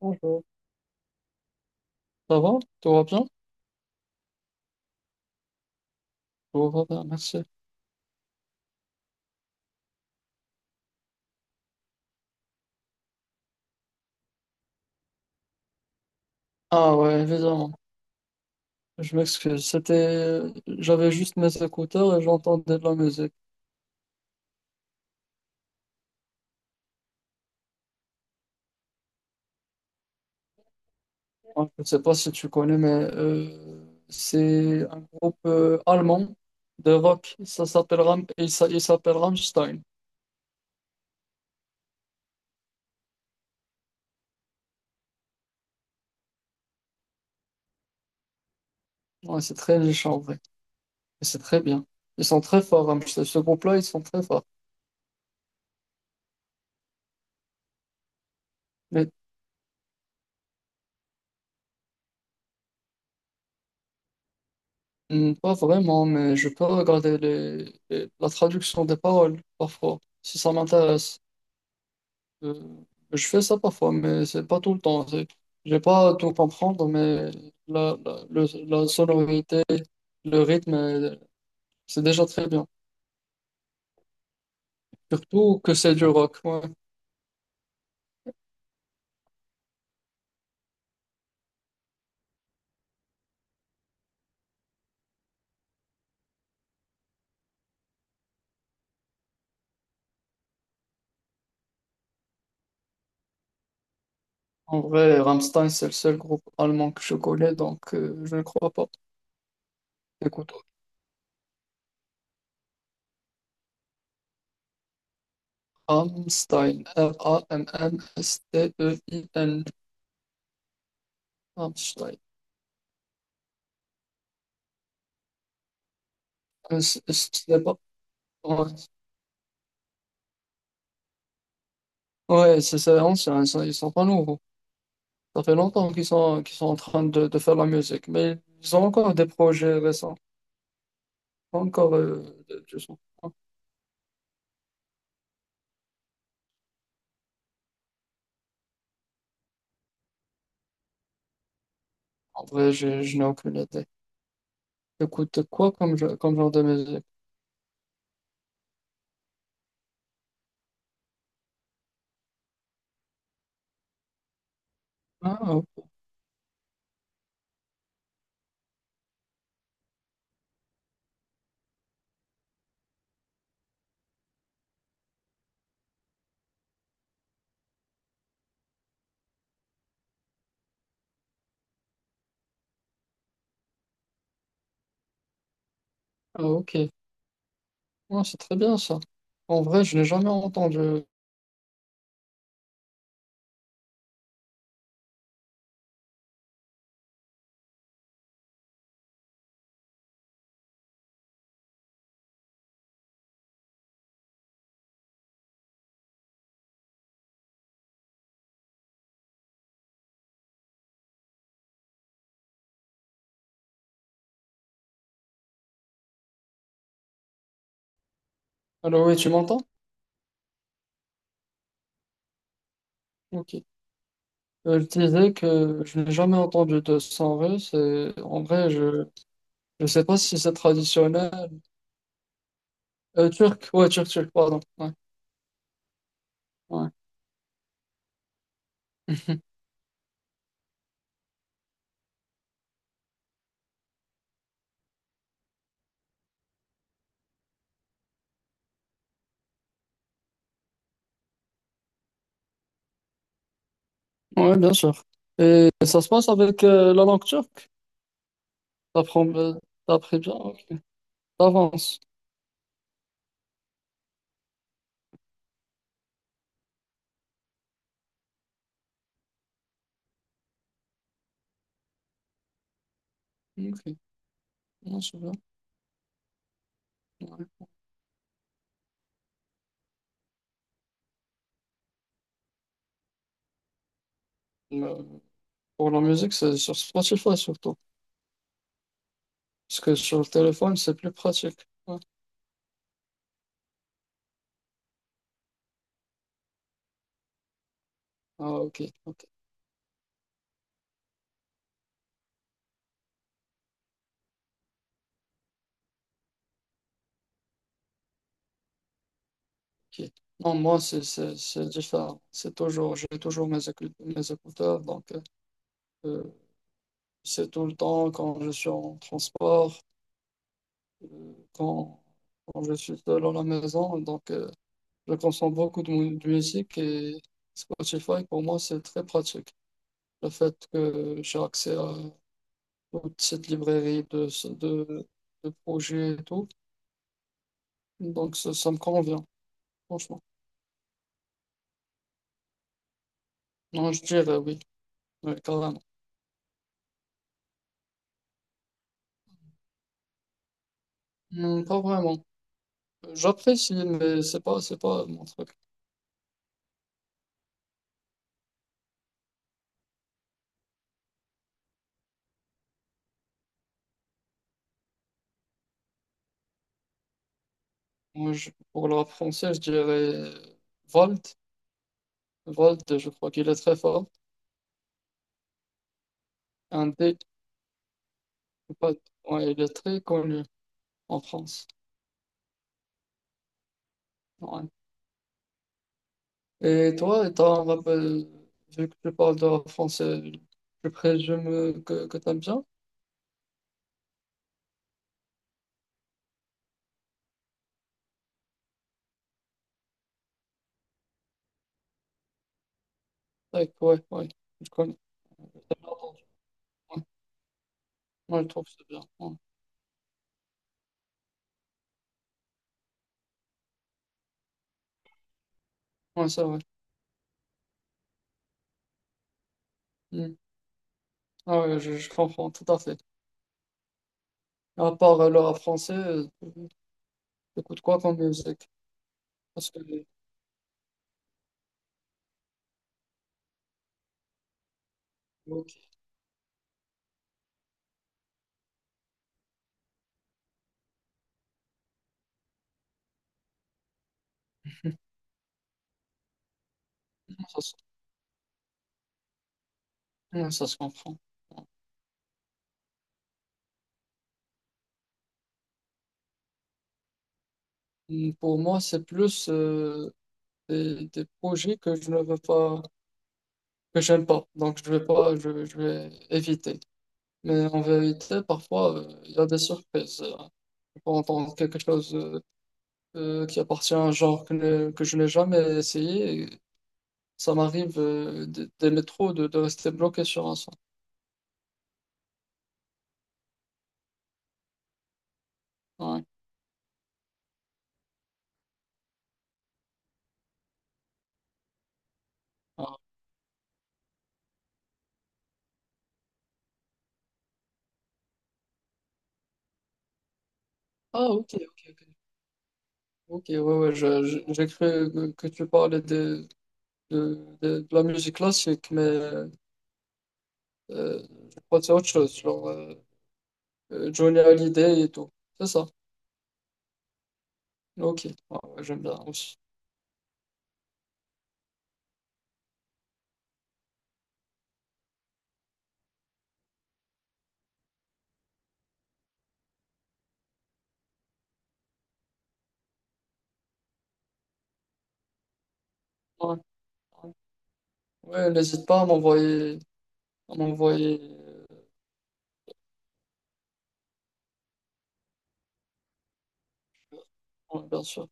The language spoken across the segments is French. Bonjour. Ça va? Tout va bien? Tout va bien, merci. Ah ouais, évidemment. Je m'excuse. C'était, j'avais juste mes écouteurs et j'entendais de la musique. Moi, je ne sais pas si tu connais, mais c'est un groupe allemand de rock. Ça s'appelle il s'appelle Rammstein. Ouais, c'est très riche en vrai. Et c'est très bien. Ils sont très forts, Rammstein. Ce groupe-là, ils sont très forts. Mais hmm, pas vraiment, mais je peux regarder la traduction des paroles parfois, si ça m'intéresse. Euh, je fais ça parfois, mais c'est pas tout le temps. Je vais pas tout comprendre, mais la sonorité, le rythme, c'est déjà très bien. Surtout que c'est du rock. Ouais. En vrai, Rammstein, c'est le seul groupe allemand que je connais, donc je ne crois pas. Écoute, Rammstein, Rammstein, Rammstein. C'est pas... Ouais, ouais, c'est ancien, ils sont pas nouveaux. Ça fait longtemps qu'ils sont en train de faire de la musique, mais ils ont encore des projets récents. Pas encore du son. En vrai, je n'ai aucune idée. Écoute quoi comme, comme genre de musique? Ah, ok. Ah, ok. Ah, c'est très bien ça. En vrai, je n'ai jamais entendu. Alors oui, tu m'entends? Ok. Je disais que je n'ai jamais entendu de son russe. Et en vrai, je ne sais pas si c'est traditionnel. Euh, turc, pardon. Ouais, ouais. Ouais, bien sûr. Et ça se passe avec la langue turque. T'apprends, euh, t'apprends bien, ok. T'avances. Ok, non, c'est bien. Ouais. Mais pour la musique, c'est sur Spotify surtout. Parce que sur le téléphone, c'est plus pratique. Ouais. Ah, ok. Non, moi, c'est différent. C'est toujours, j'ai toujours mes mes écouteurs. Donc, euh, c'est tout le temps quand je suis en transport, euh, quand, quand je suis seul à la maison. Donc, je consomme beaucoup de de musique, et Spotify, pour moi, c'est très pratique. Le fait que j'ai accès à toute cette librairie de, de projets et tout, donc ça me convient, franchement. Non, je dirais oui, carrément. Non, pas vraiment. J'apprécie, mais c'est pas mon truc. Moi, pour le rap français, je dirais Volt. Volt, je crois qu'il est très fort. Un D, pas- ouais, il est très connu en France. Ouais. Et toi, t'as un rappel, vu que tu parles de rap français, je présume que t'aimes bien? Ouais. Je connais. T'as bien entendu. Ouais, ouais, je trouve que c'est bien. Ouais, ouais c'est vrai. Hmm. Ah ouais, je comprends tout à fait. À part le rap français, t'écoutes quoi comme musique? Parce que, ok, ça se, ouais, ça se comprend. Hmm, pour moi, c'est plus des projets que je ne veux pas, que j'aime pas. Donc, je vais pas, je vais éviter. Mais en vérité, parfois, il y a des surprises. On peut entendre quelque chose qui appartient à un genre que, que je n'ai jamais essayé. Et ça m'arrive des métros de rester bloqué sur un son. Ouais. Ah, ah, ok. Ok, ouais, j'ai cru que tu parlais de, de la musique classique, mais je crois que c'est autre chose, genre Johnny Hallyday et tout. C'est ça. Ok, ouais, ouais, j'aime bien aussi. Ouais, ouais. Ouais, n'hésite pas à m'envoyer. On m'envoyait, ouais, bien sûr,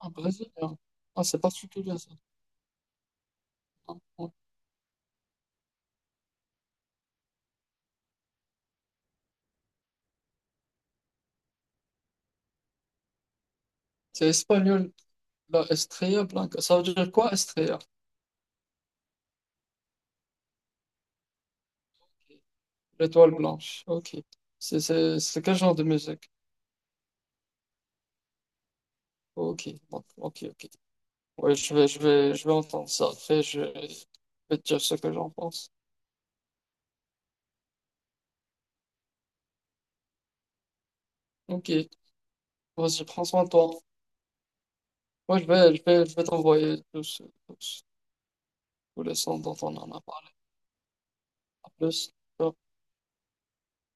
un Brésilien. Ah, c'est particulier, ça. Ah, ouais. C'est espagnol, la Estrella Blanca. Ça veut dire quoi, Estrella? L'étoile blanche. Ok. C'est quel genre de musique? Ok, bon, ok. Ouais, je vais entendre ça. Après, je vais te dire ce que j'en pense. Ok, vas-y, prends soin de toi. Moi, je vais t'envoyer tous, tous les sons dont on en a parlé. À plus.